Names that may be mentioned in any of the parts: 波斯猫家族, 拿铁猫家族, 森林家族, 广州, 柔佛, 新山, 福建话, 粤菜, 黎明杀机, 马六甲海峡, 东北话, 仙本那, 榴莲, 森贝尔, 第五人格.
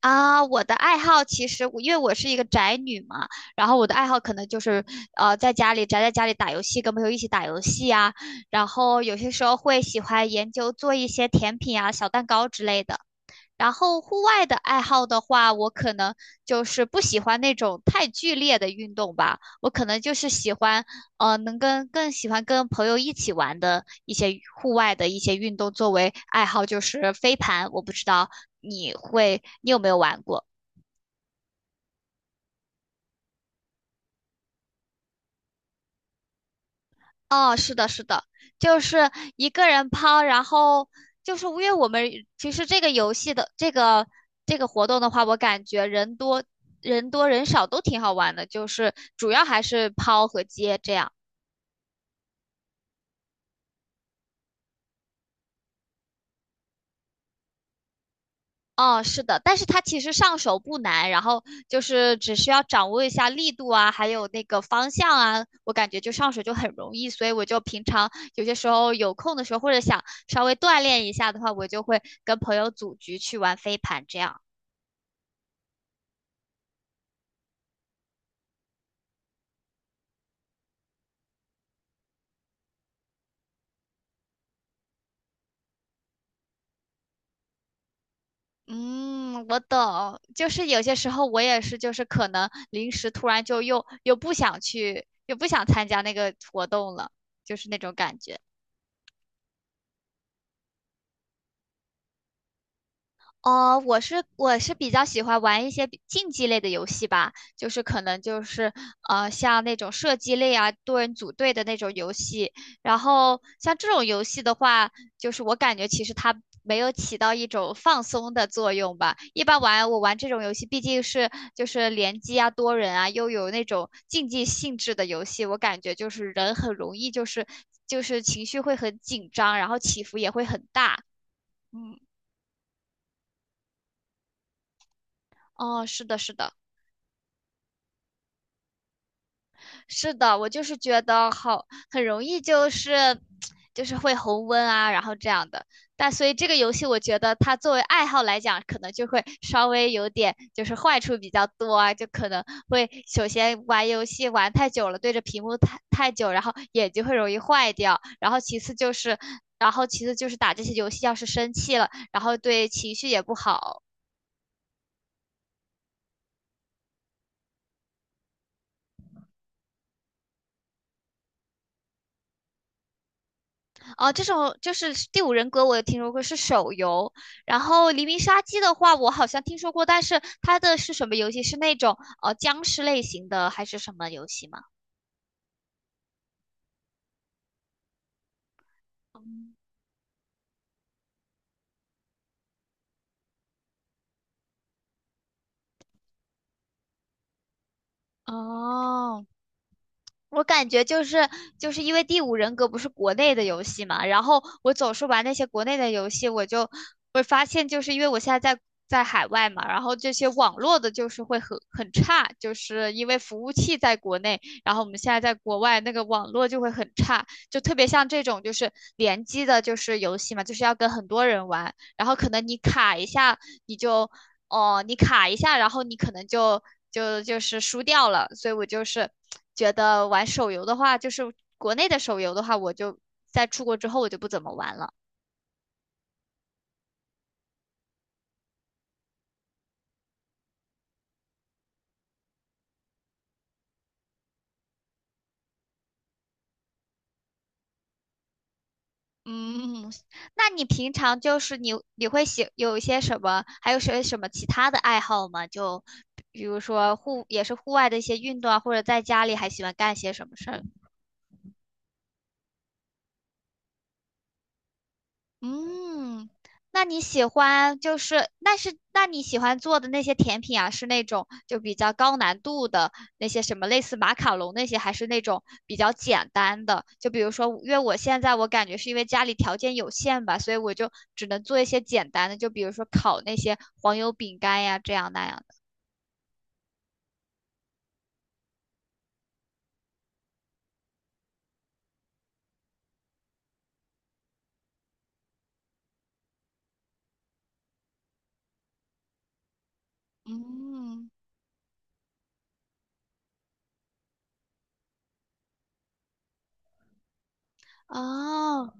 啊，我的爱好其实因为我是一个宅女嘛，然后我的爱好可能就是，在家里宅在家里打游戏，跟朋友一起打游戏啊，然后有些时候会喜欢研究做一些甜品啊、小蛋糕之类的。然后户外的爱好的话，我可能就是不喜欢那种太剧烈的运动吧，我可能就是喜欢，更喜欢跟朋友一起玩的一些户外的一些运动作为爱好，就是飞盘。我不知道你有没有玩过？哦，是的，是的，就是一个人抛，然后就是因为我们其实这个游戏的这个活动的话，我感觉人多人少都挺好玩的，就是主要还是抛和接这样。哦，是的，但是它其实上手不难，然后就是只需要掌握一下力度啊，还有那个方向啊，我感觉就上手就很容易，所以我就平常有些时候有空的时候，或者想稍微锻炼一下的话，我就会跟朋友组局去玩飞盘这样。嗯，我懂，就是有些时候我也是，就是可能临时突然就又不想去，又不想参加那个活动了，就是那种感觉。哦，我是比较喜欢玩一些竞技类的游戏吧，就是可能就是像那种射击类啊、多人组队的那种游戏。然后像这种游戏的话，就是我感觉其实它没有起到一种放松的作用吧。一般我玩这种游戏，毕竟是就是联机啊、多人啊，又有那种竞技性质的游戏，我感觉就是人很容易就是情绪会很紧张，然后起伏也会很大。嗯。哦，是的，是的。是的，我就是觉得好，很容易就是会红温啊，然后这样的。但所以这个游戏，我觉得它作为爱好来讲，可能就会稍微有点就是坏处比较多啊，就可能会首先玩游戏玩太久了，对着屏幕太久，然后眼睛会容易坏掉。然后其次就是打这些游戏要是生气了，然后对情绪也不好。哦，这种就是《第五人格》，我有听说过是手游。然后《黎明杀机》的话，我好像听说过，但是它的是什么游戏？是那种僵尸类型的，还是什么游戏吗？哦，我感觉就是因为《第五人格》不是国内的游戏嘛，然后我总是玩那些国内的游戏，我就会发现，就是因为我现在在海外嘛，然后这些网络的就是会很差，就是因为服务器在国内，然后我们现在在国外那个网络就会很差，就特别像这种就是联机的，就是游戏嘛，就是要跟很多人玩，然后可能你卡一下，你就哦，你卡一下，然后你可能就是输掉了。所以我就是觉得玩手游的话，就是国内的手游的话，在出国之后我就不怎么玩了。嗯，那你平常就是你有一些什么，还有些什么其他的爱好吗？就比如说也是户外的一些运动啊，或者在家里还喜欢干些什么事儿？嗯，那你喜欢做的那些甜品啊，是那种就比较高难度的那些什么类似马卡龙那些，还是那种比较简单的？就比如说，因为我现在我感觉是因为家里条件有限吧，所以我就只能做一些简单的，就比如说烤那些黄油饼干呀，这样那样的。嗯。哦。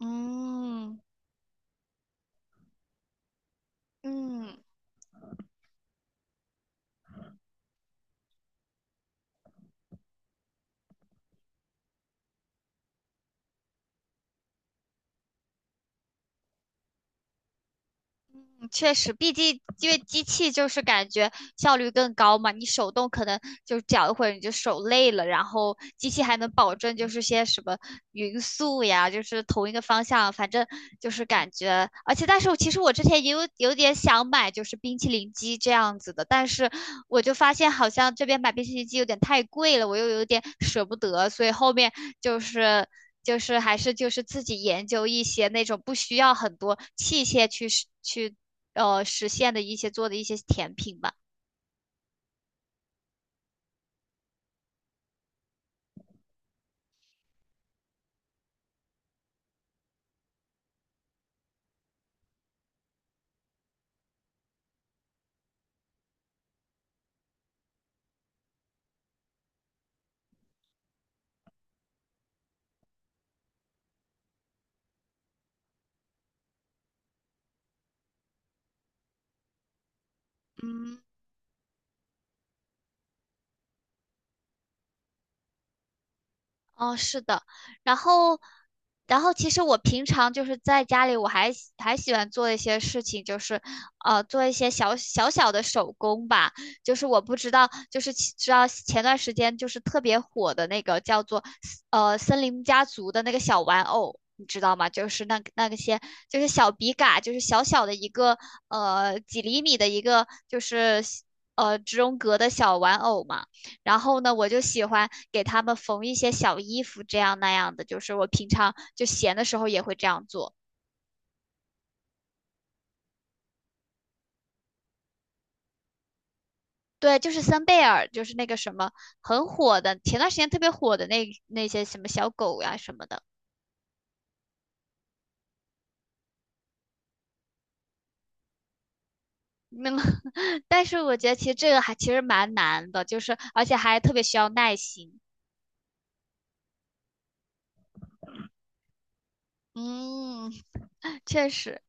嗯嗯。嗯，确实，毕竟因为机器就是感觉效率更高嘛，你手动可能就搅一会儿你就手累了，然后机器还能保证就是些什么匀速呀，就是同一个方向，反正就是感觉，而且但是我其实我之前也有点想买就是冰淇淋机这样子的，但是我就发现好像这边买冰淇淋机有点太贵了，我又有点舍不得，所以后面就是。就是还是就是自己研究一些那种不需要很多器械去实现的一些做的一些甜品吧。嗯。哦，是的，然后，然后，其实我平常就是在家里，我还喜欢做一些事情，就是做一些小小的手工吧。就是我不知道，就是知道前段时间就是特别火的那个叫做森林家族的那个小玩偶，你知道吗？就是那个些就是小笔杆，就是小小的一个几厘米的一个就是植绒格的小玩偶嘛。然后呢，我就喜欢给他们缝一些小衣服，这样那样的，就是我平常就闲的时候也会这样做。对，就是森贝尔，就是那个什么很火的，前段时间特别火的那些什么小狗呀、什么的。那么，但是我觉得其实这个还其实蛮难的，就是而且还特别需要耐心。嗯，确实。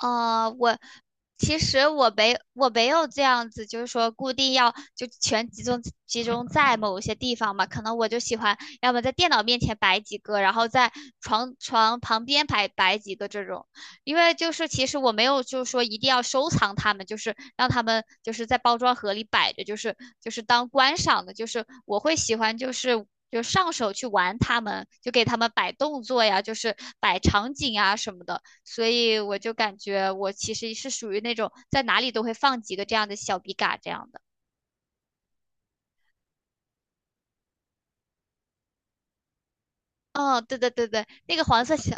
我其实我没我没有这样子，就是说固定要就全集中在某些地方嘛，可能我就喜欢要么在电脑面前摆几个，然后在床旁边摆几个这种，因为就是其实我没有就是说一定要收藏它们，就是让它们就是在包装盒里摆着，就是当观赏的，就是我会喜欢。就上手去玩它们，就给它们摆动作呀，就是摆场景啊什么的。所以我就感觉我其实是属于那种在哪里都会放几个这样的小笔杆这样的。哦，对对对对，那个黄色小，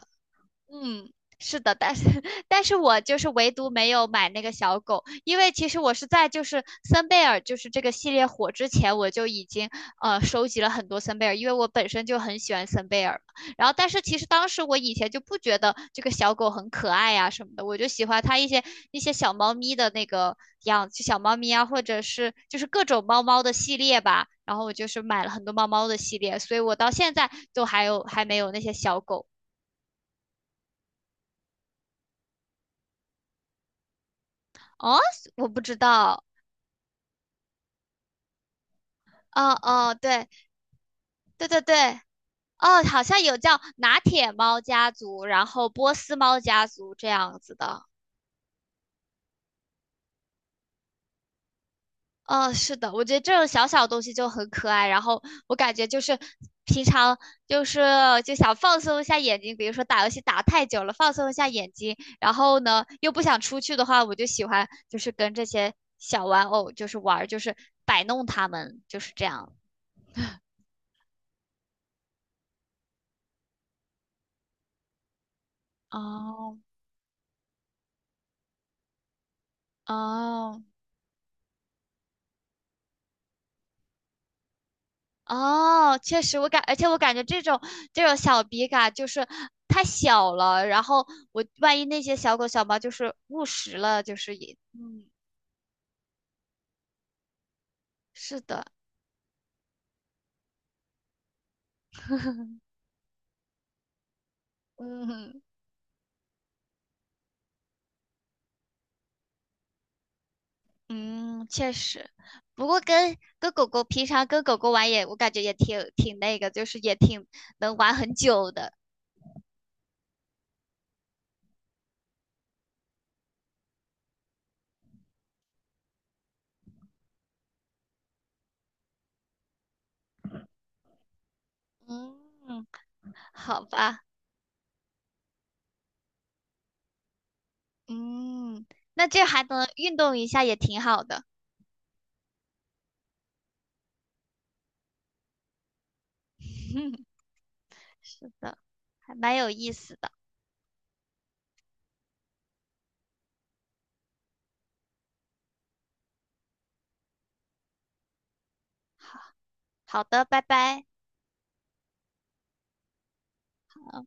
嗯，是的，但是 但是我就是唯独没有买那个小狗，因为其实我是在就是森贝尔就是这个系列火之前，我就已经收集了很多森贝尔，因为我本身就很喜欢森贝尔嘛。然后，但是其实当时我以前就不觉得这个小狗很可爱呀、什么的，我就喜欢它一些小猫咪的那个样子，就小猫咪啊，或者是就是各种猫猫的系列吧。然后我就是买了很多猫猫的系列，所以我到现在都还没有那些小狗。哦，我不知道。哦哦，对对对对。哦，好像有叫拿铁猫家族，然后波斯猫家族这样子的。嗯，是的，我觉得这种小小东西就很可爱。然后我感觉就是平常就是就想放松一下眼睛，比如说打游戏打太久了，放松一下眼睛。然后呢，又不想出去的话，我就喜欢就是跟这些小玩偶就是玩儿就是摆弄它们，就是这样。哦哦。哦，确实，而且我感觉这种小笔杆就是太小了，然后我万一那些小狗小猫就是误食了，就是也，嗯，是的，嗯，嗯，确实。不过跟狗狗平常跟狗狗玩也，我感觉也挺那个，就是也挺能玩很久的，嗯，好吧？嗯，那这还能运动一下也挺好的，是的，还蛮有意思的。好，好的，拜拜。啊。